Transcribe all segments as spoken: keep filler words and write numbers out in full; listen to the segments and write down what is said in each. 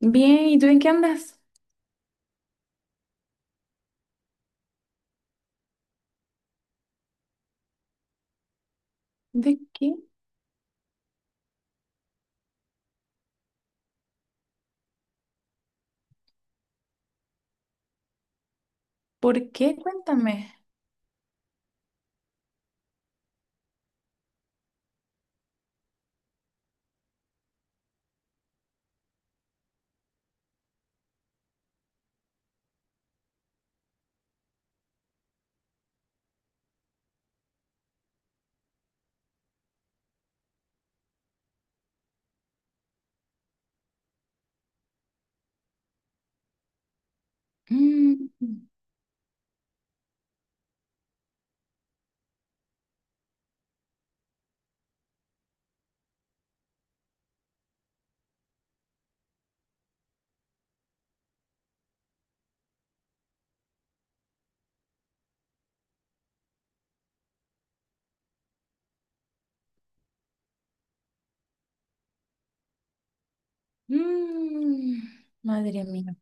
Bien, ¿y tú en qué andas? ¿De qué? ¿Por qué? Cuéntame. Mm, mm, madre mía.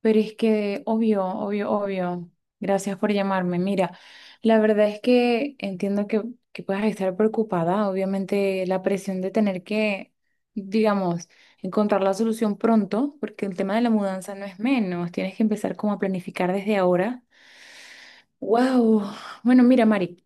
Pero es que, obvio, obvio, obvio. Gracias por llamarme. Mira, la verdad es que entiendo que, que puedas estar preocupada. Obviamente, la presión de tener que, digamos, encontrar la solución pronto, porque el tema de la mudanza no es menos. Tienes que empezar como a planificar desde ahora. Wow. Bueno, mira, Mari.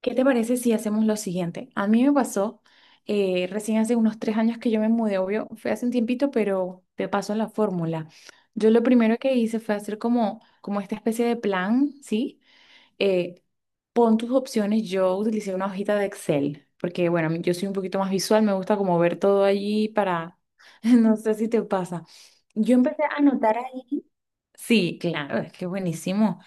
¿Qué te parece si hacemos lo siguiente? A mí me pasó eh, recién hace unos tres años que yo me mudé, obvio, fue hace un tiempito, pero te paso la fórmula. Yo lo primero que hice fue hacer como, como esta especie de plan, ¿sí? Eh, Pon tus opciones, yo utilicé una hojita de Excel, porque bueno, yo soy un poquito más visual, me gusta como ver todo allí para, no sé si te pasa. Yo empecé a anotar ahí. Sí, claro, es que buenísimo.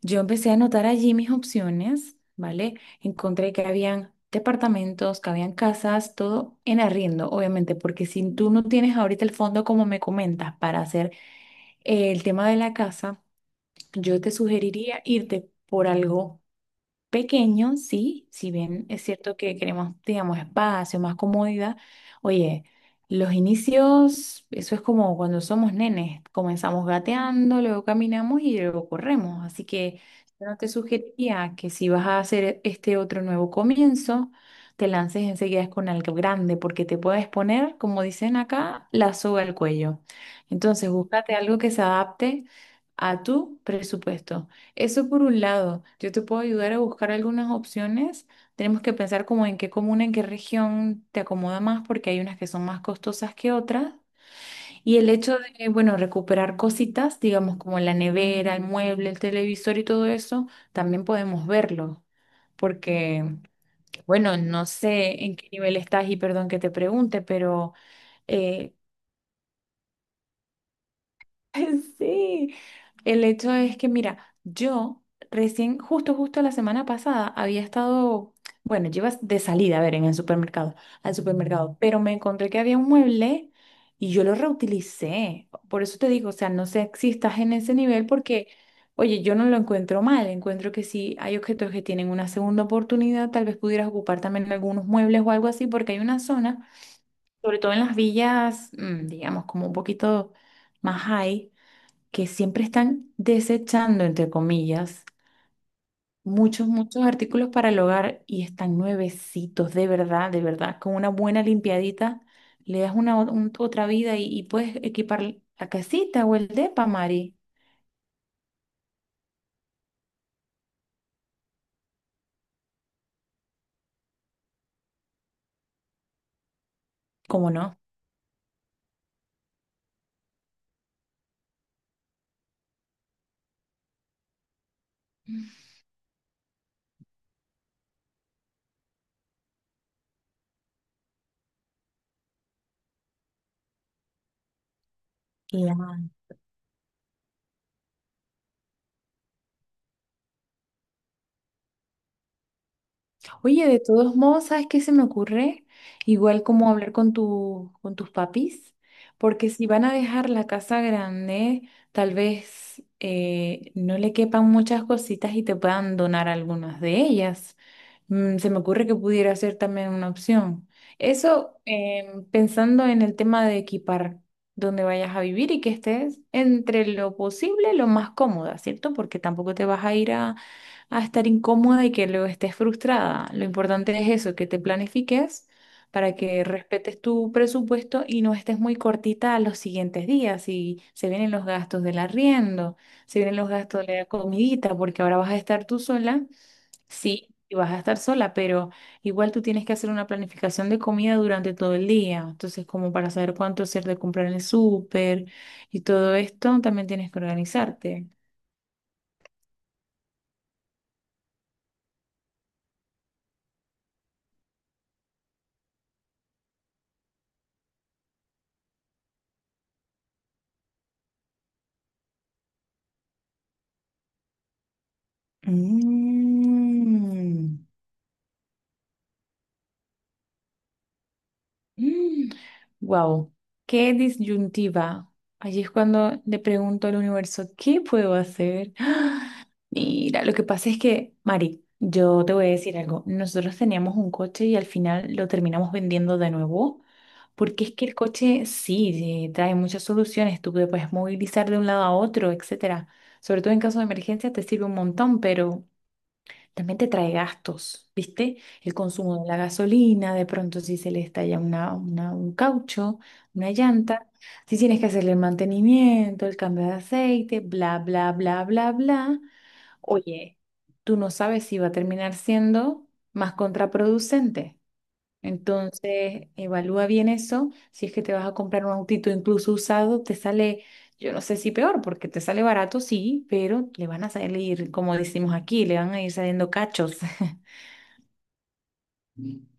Yo empecé a anotar allí mis opciones, ¿vale? Encontré que habían departamentos, que habían casas, todo en arriendo, obviamente, porque si tú no tienes ahorita el fondo, como me comentas, para hacer eh, el tema de la casa, yo te sugeriría irte por algo pequeño, sí, si bien es cierto que queremos, digamos, espacio, más comodidad, oye, los inicios, eso es como cuando somos nenes, comenzamos gateando, luego caminamos y luego corremos, así que yo no te sugeriría que si vas a hacer este otro nuevo comienzo, te lances enseguida con algo grande, porque te puedes poner, como dicen acá, la soga al cuello. Entonces, búscate algo que se adapte a tu presupuesto. Eso por un lado, yo te puedo ayudar a buscar algunas opciones. Tenemos que pensar como en qué comuna, en qué región te acomoda más, porque hay unas que son más costosas que otras. Y el hecho de, bueno, recuperar cositas, digamos como la nevera, el mueble, el televisor y todo eso, también podemos verlo. Porque, bueno, no sé en qué nivel estás y perdón que te pregunte, pero eh, sí. El hecho es que, mira, yo recién, justo, justo la semana pasada había estado, bueno, llevas de salida, a ver, en el supermercado, al supermercado, pero me encontré que había un mueble y yo lo reutilicé. Por eso te digo, o sea, no sé si estás en ese nivel porque, oye, yo no lo encuentro mal, encuentro que si hay objetos que tienen una segunda oportunidad, tal vez pudieras ocupar también algunos muebles o algo así, porque hay una zona, sobre todo en las villas, mm, digamos, como un poquito más high que siempre están desechando, entre comillas, muchos, muchos artículos para el hogar y están nuevecitos, de verdad, de verdad, con una buena limpiadita, le das una o- un- otra vida y, y puedes equipar la casita o el depa, Mari. ¿Cómo no? Oye, de todos modos, ¿sabes qué se me ocurre? Igual como hablar con tu, con tus papis, porque si van a dejar la casa grande, tal vez eh, no le quepan muchas cositas y te puedan donar algunas de ellas. Mm, se me ocurre que pudiera ser también una opción. Eso em, pensando en el tema de equipar donde vayas a vivir y que estés entre lo posible, lo más cómoda, ¿cierto? Porque tampoco te vas a ir a a estar incómoda y que luego estés frustrada. Lo importante es eso, que te planifiques para que respetes tu presupuesto y no estés muy cortita a los siguientes días. Y se vienen los gastos del arriendo, se vienen los gastos de la comidita, porque ahora vas a estar tú sola. Sí, y vas a estar sola, pero igual tú tienes que hacer una planificación de comida durante todo el día. Entonces, como para saber cuánto hacer de comprar en el súper y todo esto, también tienes que organizarte. Mm. Wow, qué disyuntiva. Allí es cuando le pregunto al universo, ¿qué puedo hacer? ¡Ah! Mira, lo que pasa es que, Mari, yo te voy a decir algo. Nosotros teníamos un coche y al final lo terminamos vendiendo de nuevo, porque es que el coche sí eh, trae muchas soluciones. Tú te puedes movilizar de un lado a otro, etcétera. Sobre todo en caso de emergencia te sirve un montón, pero también te trae gastos, ¿viste? El consumo de la gasolina, de pronto si se le estalla una, una- un caucho, una llanta, si tienes que hacerle el mantenimiento, el cambio de aceite, bla, bla, bla, bla, bla. Oye, tú no sabes si va a terminar siendo más contraproducente. Entonces, evalúa bien eso. Si es que te vas a comprar un autito incluso usado, te sale, yo no sé si peor, porque te sale barato, sí, pero le van a salir, como decimos aquí, le van a ir saliendo cachos.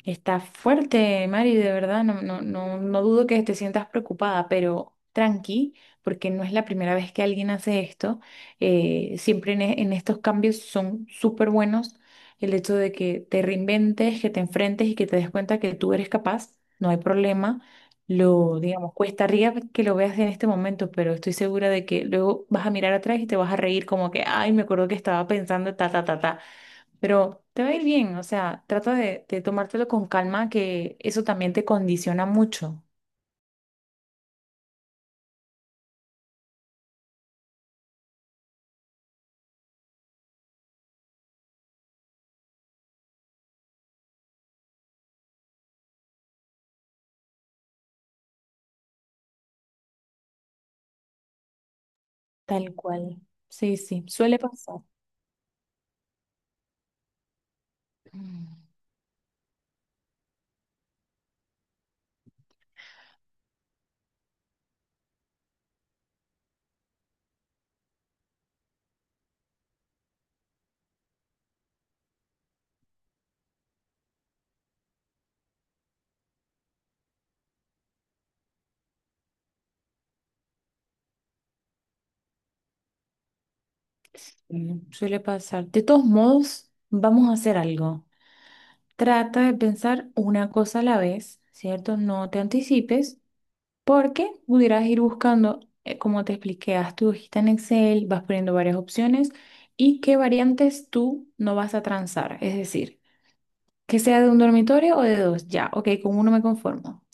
Está fuerte, Mari, de verdad, no, no, no, no dudo que te sientas preocupada, pero tranqui, porque no es la primera vez que alguien hace esto. Eh, siempre en, e- en estos cambios son súper buenos el hecho de que te reinventes, que te enfrentes y que te des cuenta que tú eres capaz, no hay problema. Lo, digamos, cuesta arriba que lo veas en este momento, pero estoy segura de que luego vas a mirar atrás y te vas a reír como que, ay, me acuerdo que estaba pensando ta, ta, ta, ta. Pero te va a ir bien, o sea, trata de, de tomártelo con calma, que eso también te condiciona mucho. Tal cual. Sí, sí, suele pasar. Mm, Suele pasar. De todos modos, vamos a hacer algo. Trata de pensar una cosa a la vez, ¿cierto? No te anticipes, porque pudieras ir buscando, eh, como te expliqué, haz tu hojita en Excel, vas poniendo varias opciones y qué variantes tú no vas a transar. Es decir, que sea de un dormitorio o de dos, ya, ok, con uno me conformo.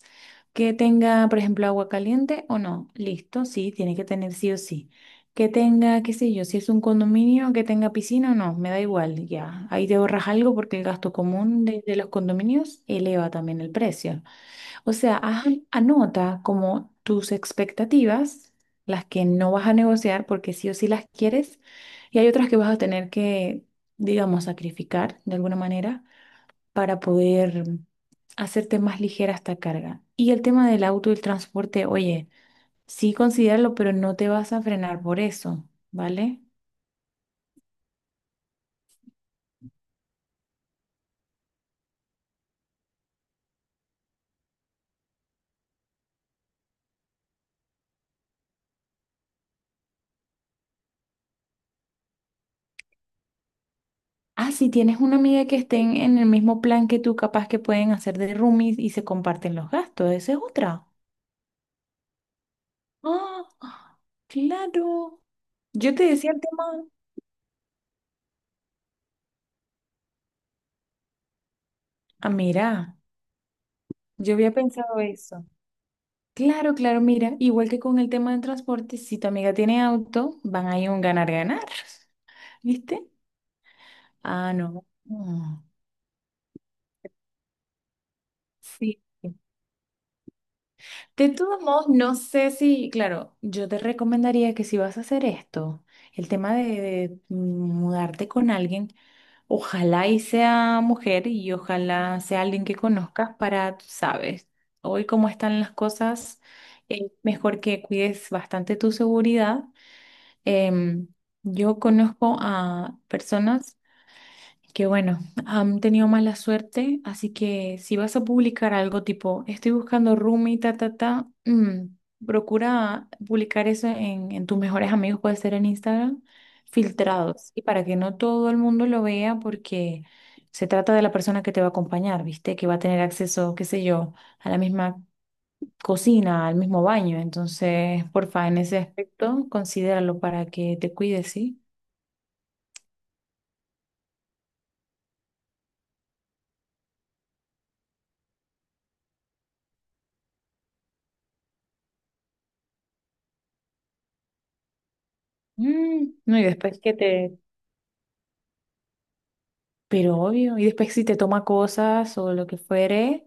Que tenga, por ejemplo, agua caliente o no, listo, sí, tiene que tener sí o sí. Que tenga, qué sé yo, si es un condominio, que tenga piscina o no, me da igual, ya. Ahí te ahorras algo porque el gasto común de, de los condominios eleva también el precio. O sea, haz- anota como tus expectativas, las que no vas a negociar porque sí o sí las quieres, y hay otras que vas a tener que, digamos, sacrificar de alguna manera para poder hacerte más ligera esta carga. Y el tema del auto y el transporte, oye, sí considéralo, pero no te vas a frenar por eso, ¿vale? Ah, si tienes una amiga que estén en el mismo plan que tú, capaz que pueden hacer de roomies y se comparten los gastos, esa es otra. Ah, claro. Yo te decía el tema. Ah, mira, yo había pensado eso. Claro, claro, mira, igual que con el tema del transporte, si tu amiga tiene auto, van a ir un ganar-ganar, ¿viste? Ah, no. Mm, sí. De todos modos, no sé si, claro, yo te recomendaría que si vas a hacer esto, el tema de, de mudarte con alguien, ojalá y sea mujer y ojalá sea alguien que conozcas para, tú sabes, hoy cómo están las cosas, eh, mejor que cuides bastante tu seguridad. Em, yo conozco a personas que bueno, han tenido mala suerte, así que si vas a publicar algo tipo, estoy buscando roomie, ta, ta, ta, mm, procura publicar eso en, en tus mejores amigos, puede ser en Instagram, filtrados, y para que no todo el mundo lo vea, porque se trata de la persona que te va a acompañar, ¿viste? Que va a tener acceso, qué sé yo, a la misma cocina, al mismo baño. Entonces, porfa, en ese aspecto, considéralo para que te cuides, ¿sí? Mm, no, y después que te, pero obvio, y después si te toma cosas o lo que fuere.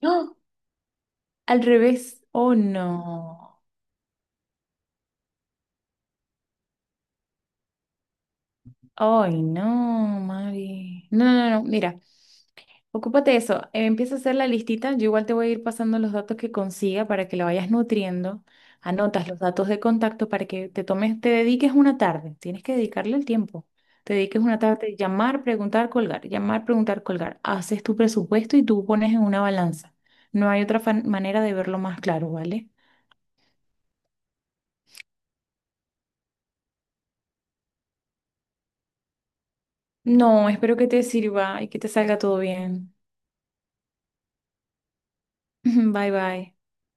¡No! Al revés. Oh, no. Ay, no, Mari. No, no, no, mira, ocúpate de eso. Eh, empieza a hacer la listita. Yo igual te voy a ir pasando los datos que consiga para que lo vayas nutriendo. Anotas los datos de contacto para que te tomes, te dediques una tarde. Tienes que dedicarle el tiempo. Te dediques una tarde, llamar, preguntar, colgar, llamar, preguntar, colgar. Haces tu presupuesto y tú pones en una balanza. No hay otra fan- manera de verlo más claro, ¿vale? No, espero que te sirva y que te salga todo bien. Bye bye.